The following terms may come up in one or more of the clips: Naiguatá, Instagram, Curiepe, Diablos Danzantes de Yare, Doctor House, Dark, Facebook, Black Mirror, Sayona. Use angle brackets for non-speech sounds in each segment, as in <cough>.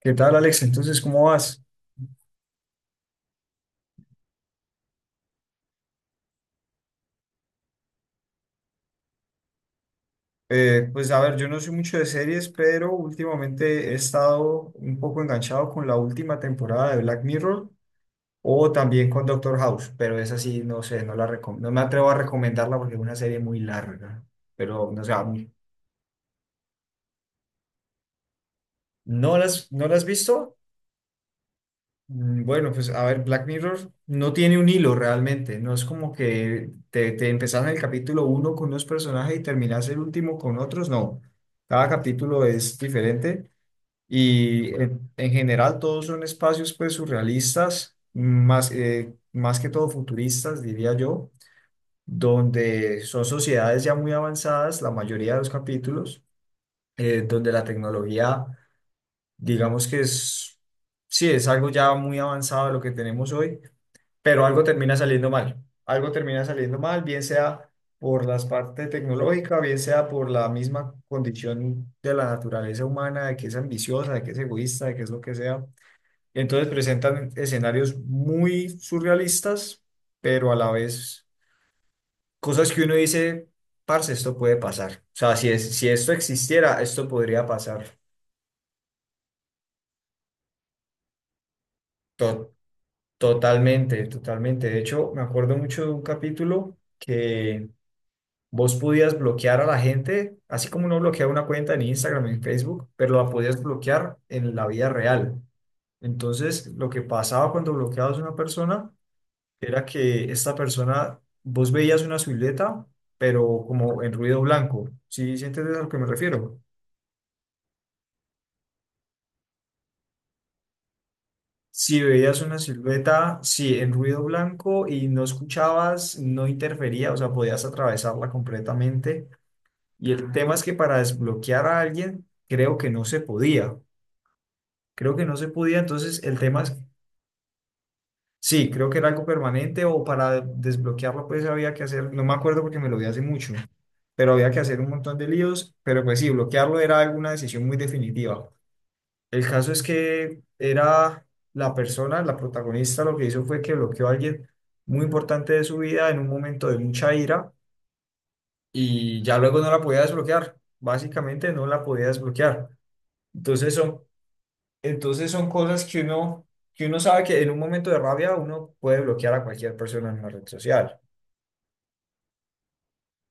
¿Qué tal, Alex? Entonces, ¿cómo vas? Pues a ver, yo no soy mucho de series, pero últimamente he estado un poco enganchado con la última temporada de Black Mirror o también con Doctor House, pero esa sí, no sé, no me atrevo a recomendarla porque es una serie muy larga, pero no sé, ¿No las has visto? Bueno, pues a ver, Black Mirror no tiene un hilo realmente, no es como que te empezás en el capítulo uno con unos personajes y terminás el último con otros, no, cada capítulo es diferente. Y en general todos son espacios pues surrealistas, más, más que todo futuristas, diría yo, donde son sociedades ya muy avanzadas, la mayoría de los capítulos, donde la tecnología, digamos que es, sí, es algo ya muy avanzado de lo que tenemos hoy, pero algo termina saliendo mal, algo termina saliendo mal, bien sea por la parte tecnológica, bien sea por la misma condición de la naturaleza humana, de que es ambiciosa, de que es egoísta, de que es lo que sea, entonces presentan escenarios muy surrealistas, pero a la vez cosas que uno dice, parce, esto puede pasar. O sea, si esto existiera, esto podría pasar. To- totalmente, totalmente. De hecho, me acuerdo mucho de un capítulo que vos podías bloquear a la gente, así como uno bloquea una cuenta en Instagram, en Facebook, pero la podías bloquear en la vida real. Entonces, lo que pasaba cuando bloqueabas a una persona era que esta persona, vos veías una silueta, pero como en ruido blanco. ¿Sí, sí entiendes a lo que me refiero? Si veías una silueta, sí, en ruido blanco y no escuchabas, no interfería, o sea, podías atravesarla completamente. Y el tema es que para desbloquear a alguien, creo que no se podía. Creo que no se podía, entonces el tema es... Sí, creo que era algo permanente o para desbloquearlo pues había que hacer, no me acuerdo porque me lo vi hace mucho, pero había que hacer un montón de líos, pero pues sí, bloquearlo era alguna decisión muy definitiva. El caso es que era la persona, la protagonista, lo que hizo fue que bloqueó a alguien muy importante de su vida en un momento de mucha ira y ya luego no la podía desbloquear, básicamente no la podía desbloquear. Entonces son entonces son cosas que uno sabe que en un momento de rabia uno puede bloquear a cualquier persona en una red social.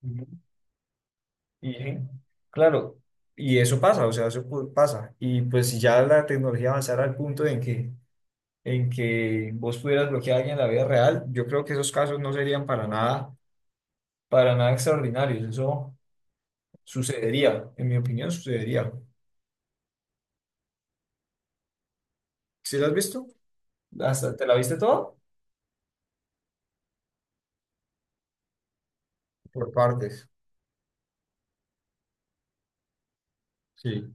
Ujú. Y sí, claro, y eso pasa, o sea, pasa. Y pues si ya la tecnología avanzara al punto en que vos pudieras bloquear a alguien en la vida real, yo creo que esos casos no serían para nada extraordinarios. Eso sucedería, en mi opinión, sucedería. ¿Sí lo has visto? ¿Hasta te la viste todo? Por partes. Sí.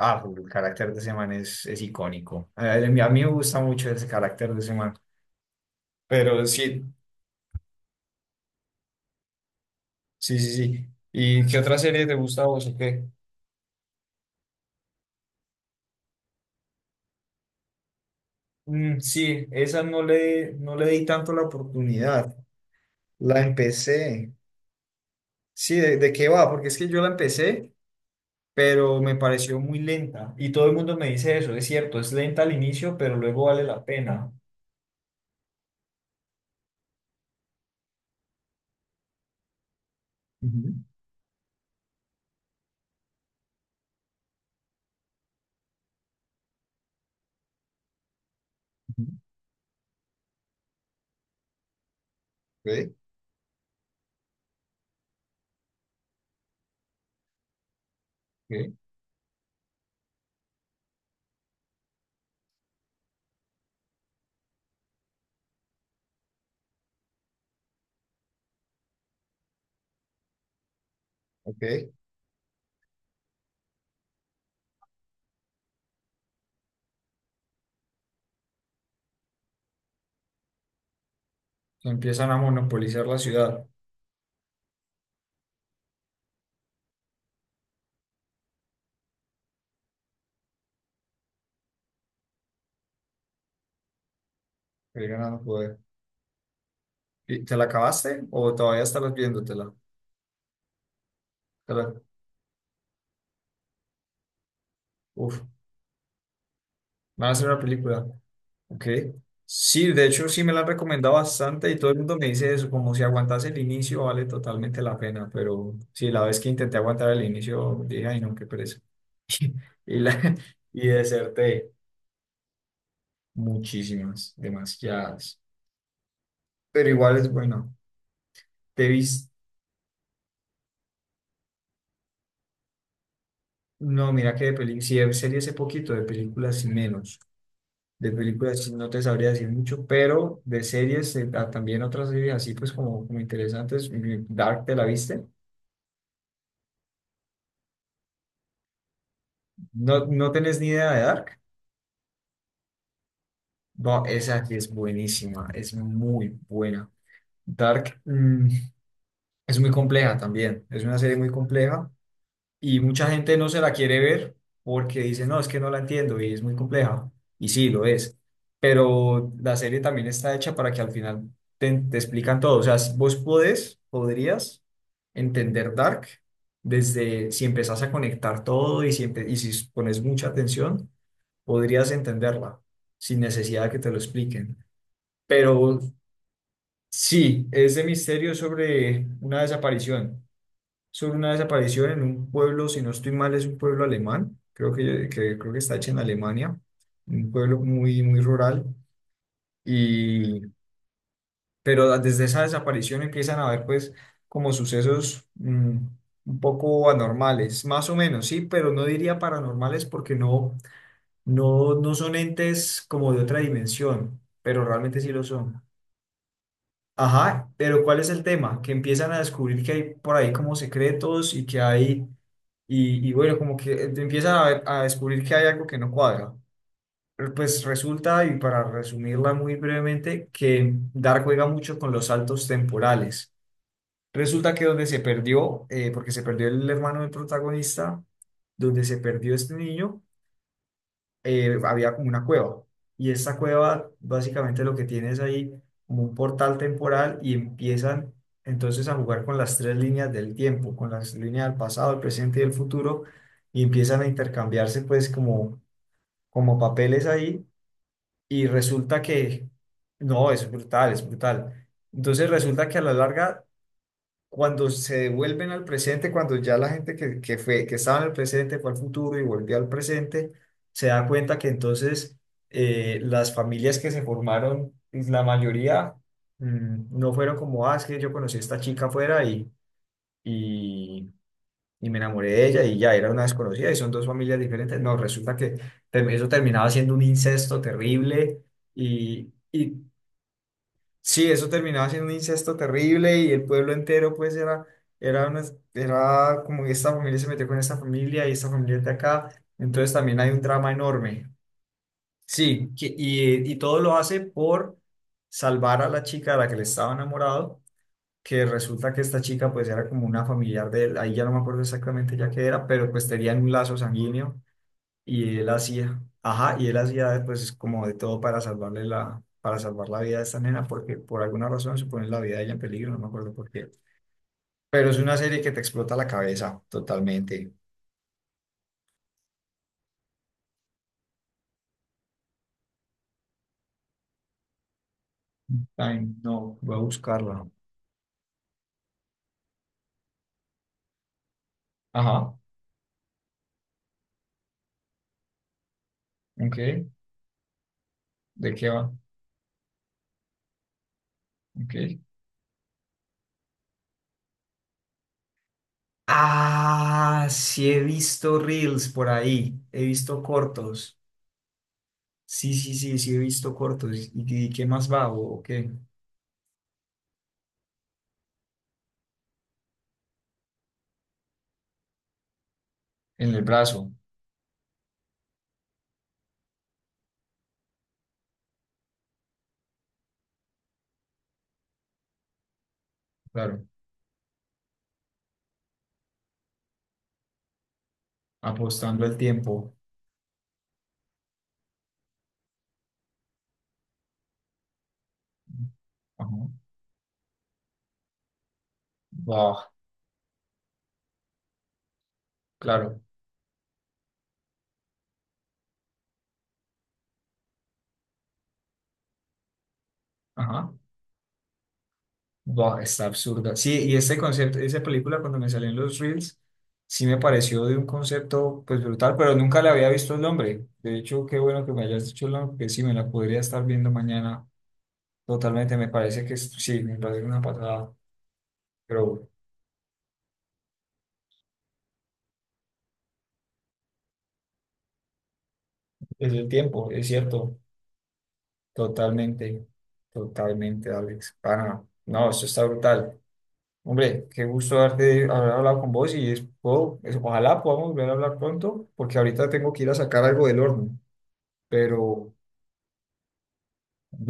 Ah, el carácter de ese man es icónico. A mí me gusta mucho ese carácter de ese man. Pero sí, sí, sí, sí. ¿Y qué otra serie te gusta a vos o qué? Mm, sí, esa no le, no le di tanto la oportunidad. La empecé. Sí, ¿de qué va? Porque es que yo la empecé, pero me pareció muy lenta. Y todo el mundo me dice eso, es cierto, es lenta al inicio, pero luego vale la pena. Ujú, ujú. Ok, ok, ok. Empiezan a monopolizar la ciudad, el ganando poder. ¿Te la acabaste o todavía estabas viéndotela? Te la- Uf, van a hacer una película. Ok. Sí, de hecho sí me la han recomendado bastante y todo el mundo me dice eso, como si aguantase el inicio vale totalmente la pena, pero sí, la vez que intenté aguantar el inicio dije, ay no, qué pereza. <laughs> Y, la, y deserté muchísimas, demasiadas. Pero igual es bueno. Te vis, no, mira que de películas sí, de serie hace poquito, de películas y menos. De películas sí no te sabría decir mucho, pero de series, también otras series así pues como interesantes. Dark, ¿te la viste? ¿No, no tenés ni idea de Dark? No, esa sí es buenísima, es muy buena. Dark, es muy compleja también, es una serie muy compleja y mucha gente no se la quiere ver porque dice, no, es que no la entiendo y es muy compleja. Y sí, lo es. Pero la serie también está hecha para que al final te explican todo. O sea, si vos podés, podrías entender Dark desde si empezás a conectar todo y si pones mucha atención, podrías entenderla sin necesidad de que te lo expliquen. Pero sí, es de misterio sobre una desaparición en un pueblo, si no estoy mal, es un pueblo alemán, creo que está hecho en Alemania, un pueblo muy, muy rural, y, pero desde esa desaparición empiezan a haber pues como sucesos un poco anormales, más o menos, sí, pero no diría paranormales porque no, no, no son entes como de otra dimensión, pero realmente sí lo son. Ajá, pero ¿cuál es el tema? Que empiezan a descubrir que hay por ahí como secretos y que hay... Y bueno, como que te empiezan a descubrir que hay algo que no cuadra. Pues resulta, y para resumirla muy brevemente, que Dark juega mucho con los saltos temporales. Resulta que donde se perdió, porque se perdió el hermano del protagonista, donde se perdió este niño, había como una cueva. Y esa cueva básicamente lo que tiene es ahí como un portal temporal y empiezan entonces a jugar con las tres líneas del tiempo, con las líneas del pasado, el presente y el futuro, y empiezan a intercambiarse pues como, papeles ahí y resulta que, no, es brutal, es brutal. Entonces resulta que a la larga cuando se devuelven al presente, cuando ya la gente que fue, que estaba en el presente fue al futuro y volvió al presente, se da cuenta que entonces las familias que se formaron, pues, la mayoría no fueron como, ah, es que yo conocí a esta chica afuera y, y me enamoré de ella y ya era una desconocida y son dos familias diferentes. No, resulta que eso terminaba siendo un incesto terrible y, y Sí, eso terminaba siendo un incesto terrible y el pueblo entero pues era, una- era como que esta familia se metió con esta familia y esta familia es de acá, entonces también hay un drama enorme. Sí, y todo lo hace por salvar a la chica de la que le estaba enamorado, que resulta que esta chica pues era como una familiar de él, ahí ya no me acuerdo exactamente ya qué era, pero pues tenían un lazo sanguíneo y él hacía, ajá, y él hacía pues como de todo para para salvar la vida de esta nena, porque por alguna razón se pone la vida de ella en peligro, no me acuerdo por qué. Pero es una serie que te explota la cabeza totalmente. Ay, no, voy a buscarla. Ajá, ok, ¿de qué va? Ok. Ah, sí he visto reels por ahí, he visto cortos. Sí, sí, sí, sí he visto cortos. ¿Y qué más va o qué? En el brazo, claro, apostando el tiempo. Ajá. Buah, claro. Ajá. Buah, está absurda. Sí, y este concepto, esa película cuando me salió en los Reels, sí me pareció de un concepto pues brutal, pero nunca le había visto el nombre. De hecho, qué bueno que me hayas dicho el nombre, que sí, me la podría estar viendo mañana totalmente. Me parece que sí, me parece una patada. Pero es el tiempo, es cierto. Totalmente, totalmente, Alex. Ah, no, no, esto está brutal. Hombre, qué gusto darte, haber hablado con vos y ojalá podamos volver a hablar pronto, porque ahorita tengo que ir a sacar algo del horno, pero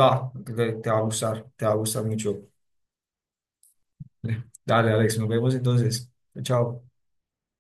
va, te va a gustar, te va a gustar mucho. <laughs> Dale, Alex, nos vemos entonces. Chao.